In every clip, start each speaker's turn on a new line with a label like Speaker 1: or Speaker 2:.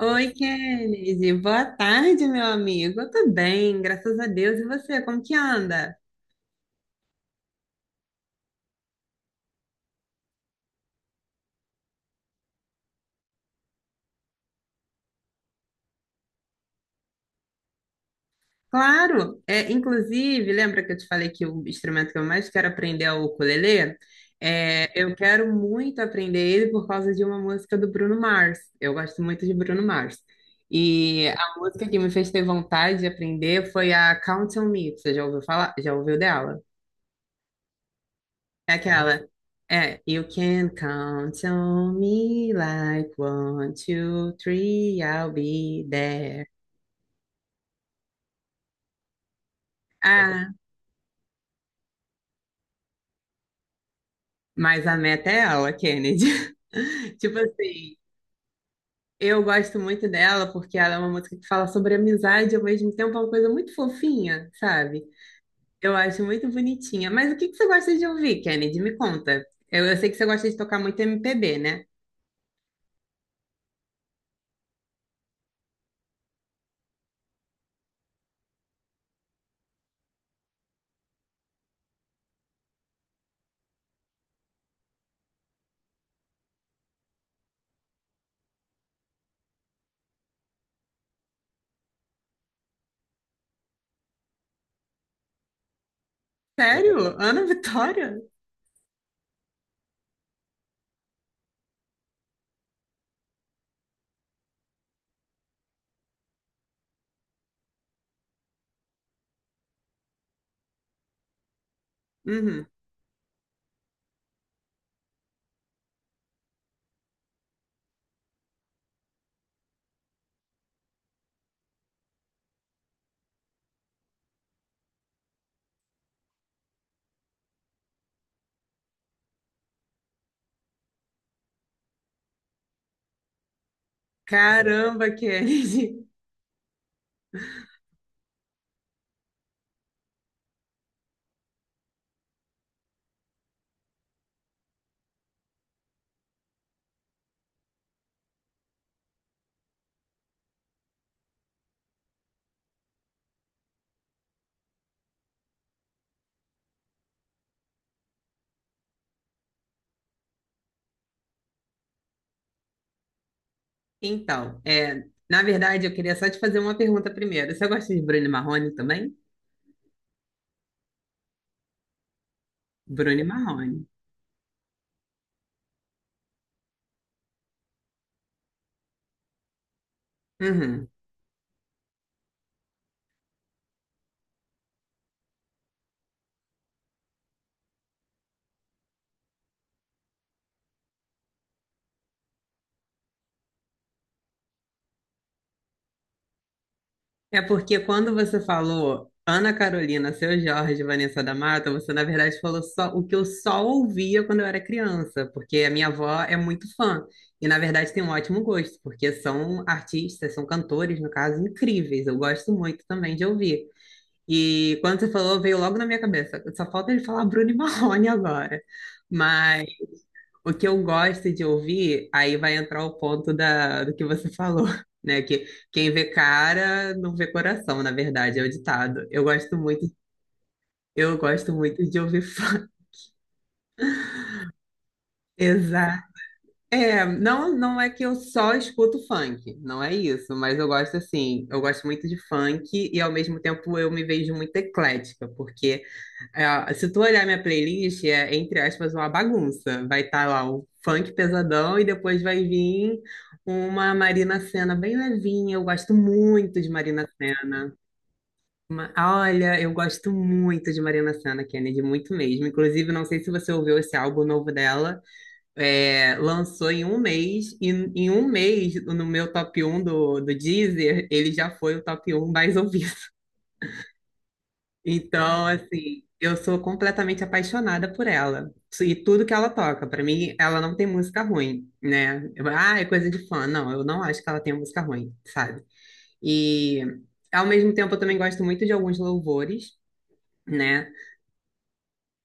Speaker 1: Oi, Kennedy. Boa tarde, meu amigo. Eu tô bem, graças a Deus. E você, como que anda? Claro, é, inclusive, lembra que eu te falei que o instrumento que eu mais quero aprender é o ukulele? É, eu quero muito aprender ele por causa de uma música do Bruno Mars. Eu gosto muito de Bruno Mars. E a música que me fez ter vontade de aprender foi a Count on Me. Você já ouviu falar? Já ouviu dela? É aquela. É, you can count on me like one, two, three, I'll be there. Ah, mas a meta é ela, Kennedy. Tipo assim, eu gosto muito dela porque ela é uma música que fala sobre amizade, e ao mesmo tempo é uma coisa muito fofinha, sabe? Eu acho muito bonitinha. Mas o que que você gosta de ouvir, Kennedy? Me conta. Eu sei que você gosta de tocar muito MPB, né? Sério? Ana Vitória? Uhum. Caramba, Kennedy. Então, é, na verdade, eu queria só te fazer uma pergunta primeiro. Você gosta de Bruno Marrone também? Bruno Marrone. Uhum. É porque quando você falou Ana Carolina, Seu Jorge, Vanessa da Mata, você na verdade falou só o que eu só ouvia quando eu era criança, porque a minha avó é muito fã e na verdade tem um ótimo gosto, porque são artistas, são cantores, no caso, incríveis. Eu gosto muito também de ouvir. E quando você falou, veio logo na minha cabeça. Só falta ele falar Bruno e Marrone agora. Mas o que eu gosto de ouvir, aí vai entrar o ponto do que você falou, né? Que quem vê cara não vê coração, na verdade, é o ditado. Eu gosto muito de ouvir funk. Exato. É, não, não é que eu só escuto funk, não é isso, mas eu gosto assim, eu gosto muito de funk e ao mesmo tempo eu me vejo muito eclética, porque é, ó, se tu olhar minha playlist, é, entre aspas, uma bagunça. Vai estar lá o funk pesadão e depois vai vir uma Marina Sena bem levinha. Eu gosto muito de Marina Sena. Olha, eu gosto muito de Marina Sena, Kennedy, muito mesmo. Inclusive, não sei se você ouviu esse álbum novo dela. É, lançou em um mês, e em um mês, no meu top um do Deezer, ele já foi o top um mais ouvido. Então, assim, eu sou completamente apaixonada por ela e tudo que ela toca. Para mim, ela não tem música ruim, né? Eu, ah, é coisa de fã. Não, eu não acho que ela tenha música ruim, sabe? E ao mesmo tempo, eu também gosto muito de alguns louvores, né?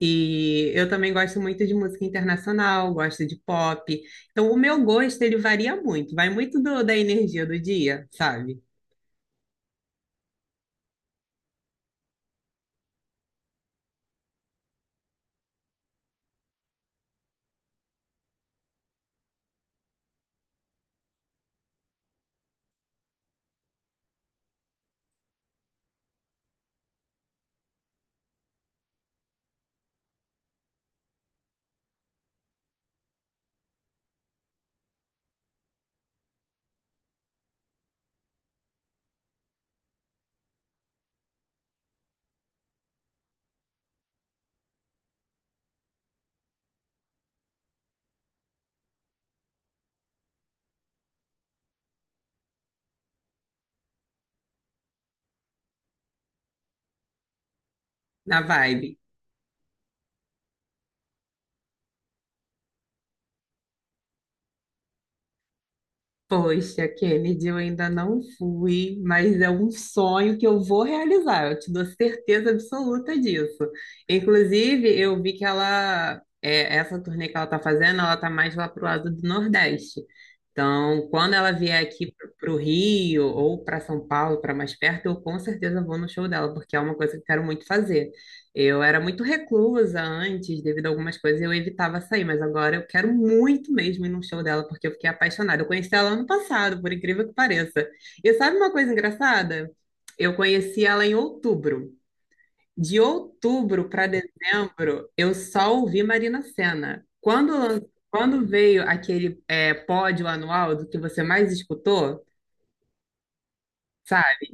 Speaker 1: E eu também gosto muito de música internacional, gosto de pop. Então, o meu gosto ele varia muito, vai muito da energia do dia, sabe? Na vibe. Poxa, Kennedy, eu ainda não fui, mas é um sonho que eu vou realizar, eu te dou certeza absoluta disso. Inclusive, eu vi que ela, é, essa turnê que ela tá fazendo, ela tá mais lá pro lado do Nordeste. Então, quando ela vier aqui pro Rio ou para São Paulo, para mais perto, eu com certeza vou no show dela, porque é uma coisa que eu quero muito fazer. Eu era muito reclusa antes, devido a algumas coisas, eu evitava sair, mas agora eu quero muito mesmo ir num show dela, porque eu fiquei apaixonada. Eu conheci ela ano passado, por incrível que pareça. E sabe uma coisa engraçada? Eu conheci ela em outubro. De outubro para dezembro, eu só ouvi Marina Sena. Quando veio aquele é, pódio anual do que você mais escutou, sabe?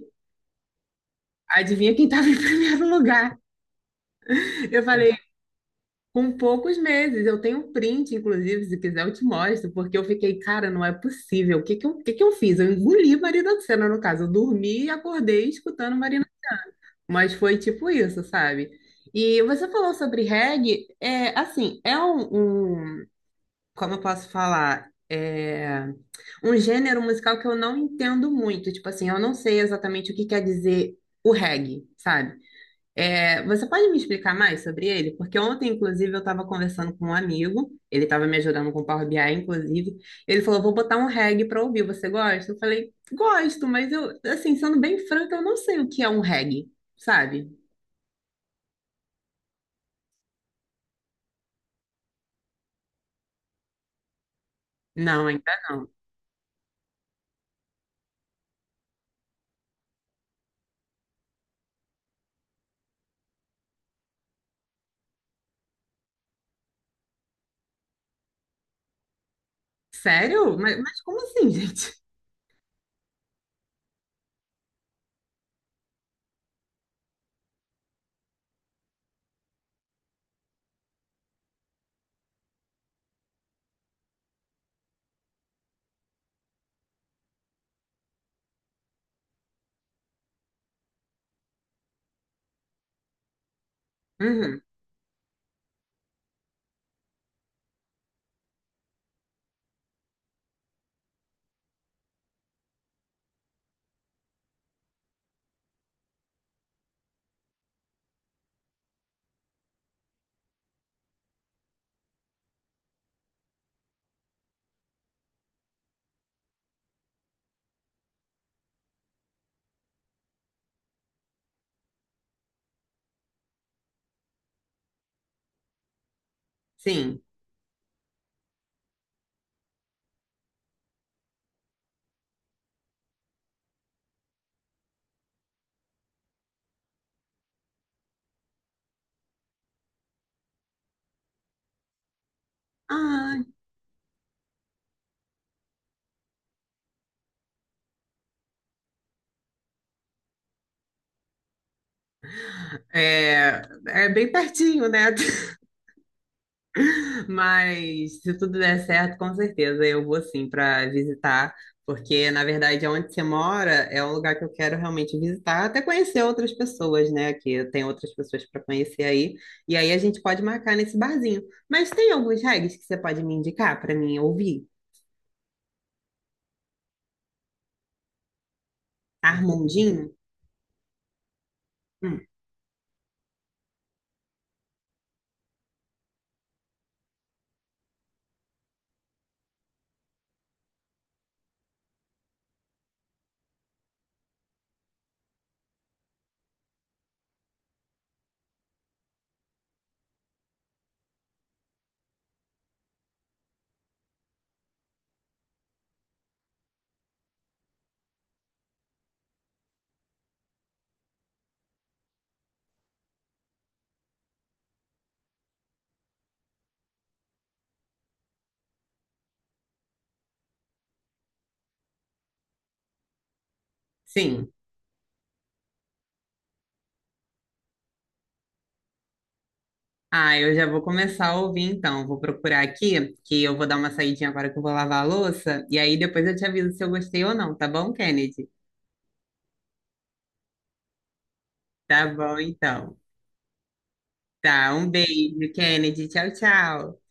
Speaker 1: Adivinha quem estava em primeiro lugar? Eu falei, com poucos meses, eu tenho um print, inclusive, se quiser eu te mostro, porque eu fiquei, cara, não é possível. O que que eu fiz? Eu engoli Marina do Senna, no caso. Eu dormi e acordei escutando Marina. Mas foi tipo isso, sabe? E você falou sobre reggae, é, assim, é como eu posso falar? É um gênero musical que eu não entendo muito. Tipo assim, eu não sei exatamente o que quer dizer o reggae, sabe? É, você pode me explicar mais sobre ele? Porque ontem, inclusive, eu estava conversando com um amigo, ele estava me ajudando com o Power BI, inclusive. Ele falou: vou botar um reggae para ouvir, você gosta? Eu falei: gosto, mas eu, assim, sendo bem franca, eu não sei o que é um reggae, sabe? Não, ainda não. Sério? Mas como assim, gente? Uhum, sim. Ah, é, é bem pertinho, né? Mas se tudo der certo, com certeza eu vou sim para visitar, porque na verdade onde você mora é um lugar que eu quero realmente visitar, até conhecer outras pessoas, né? Que tem outras pessoas para conhecer aí. E aí a gente pode marcar nesse barzinho. Mas tem alguns reggae que você pode me indicar para mim ouvir? Armandinho? Hum, sim. Ah, eu já vou começar a ouvir então. Vou procurar aqui, que eu vou dar uma saidinha agora que eu vou lavar a louça, e aí depois eu te aviso se eu gostei ou não, tá bom, Kennedy? Tá bom, então. Tá, um beijo, Kennedy. Tchau, tchau.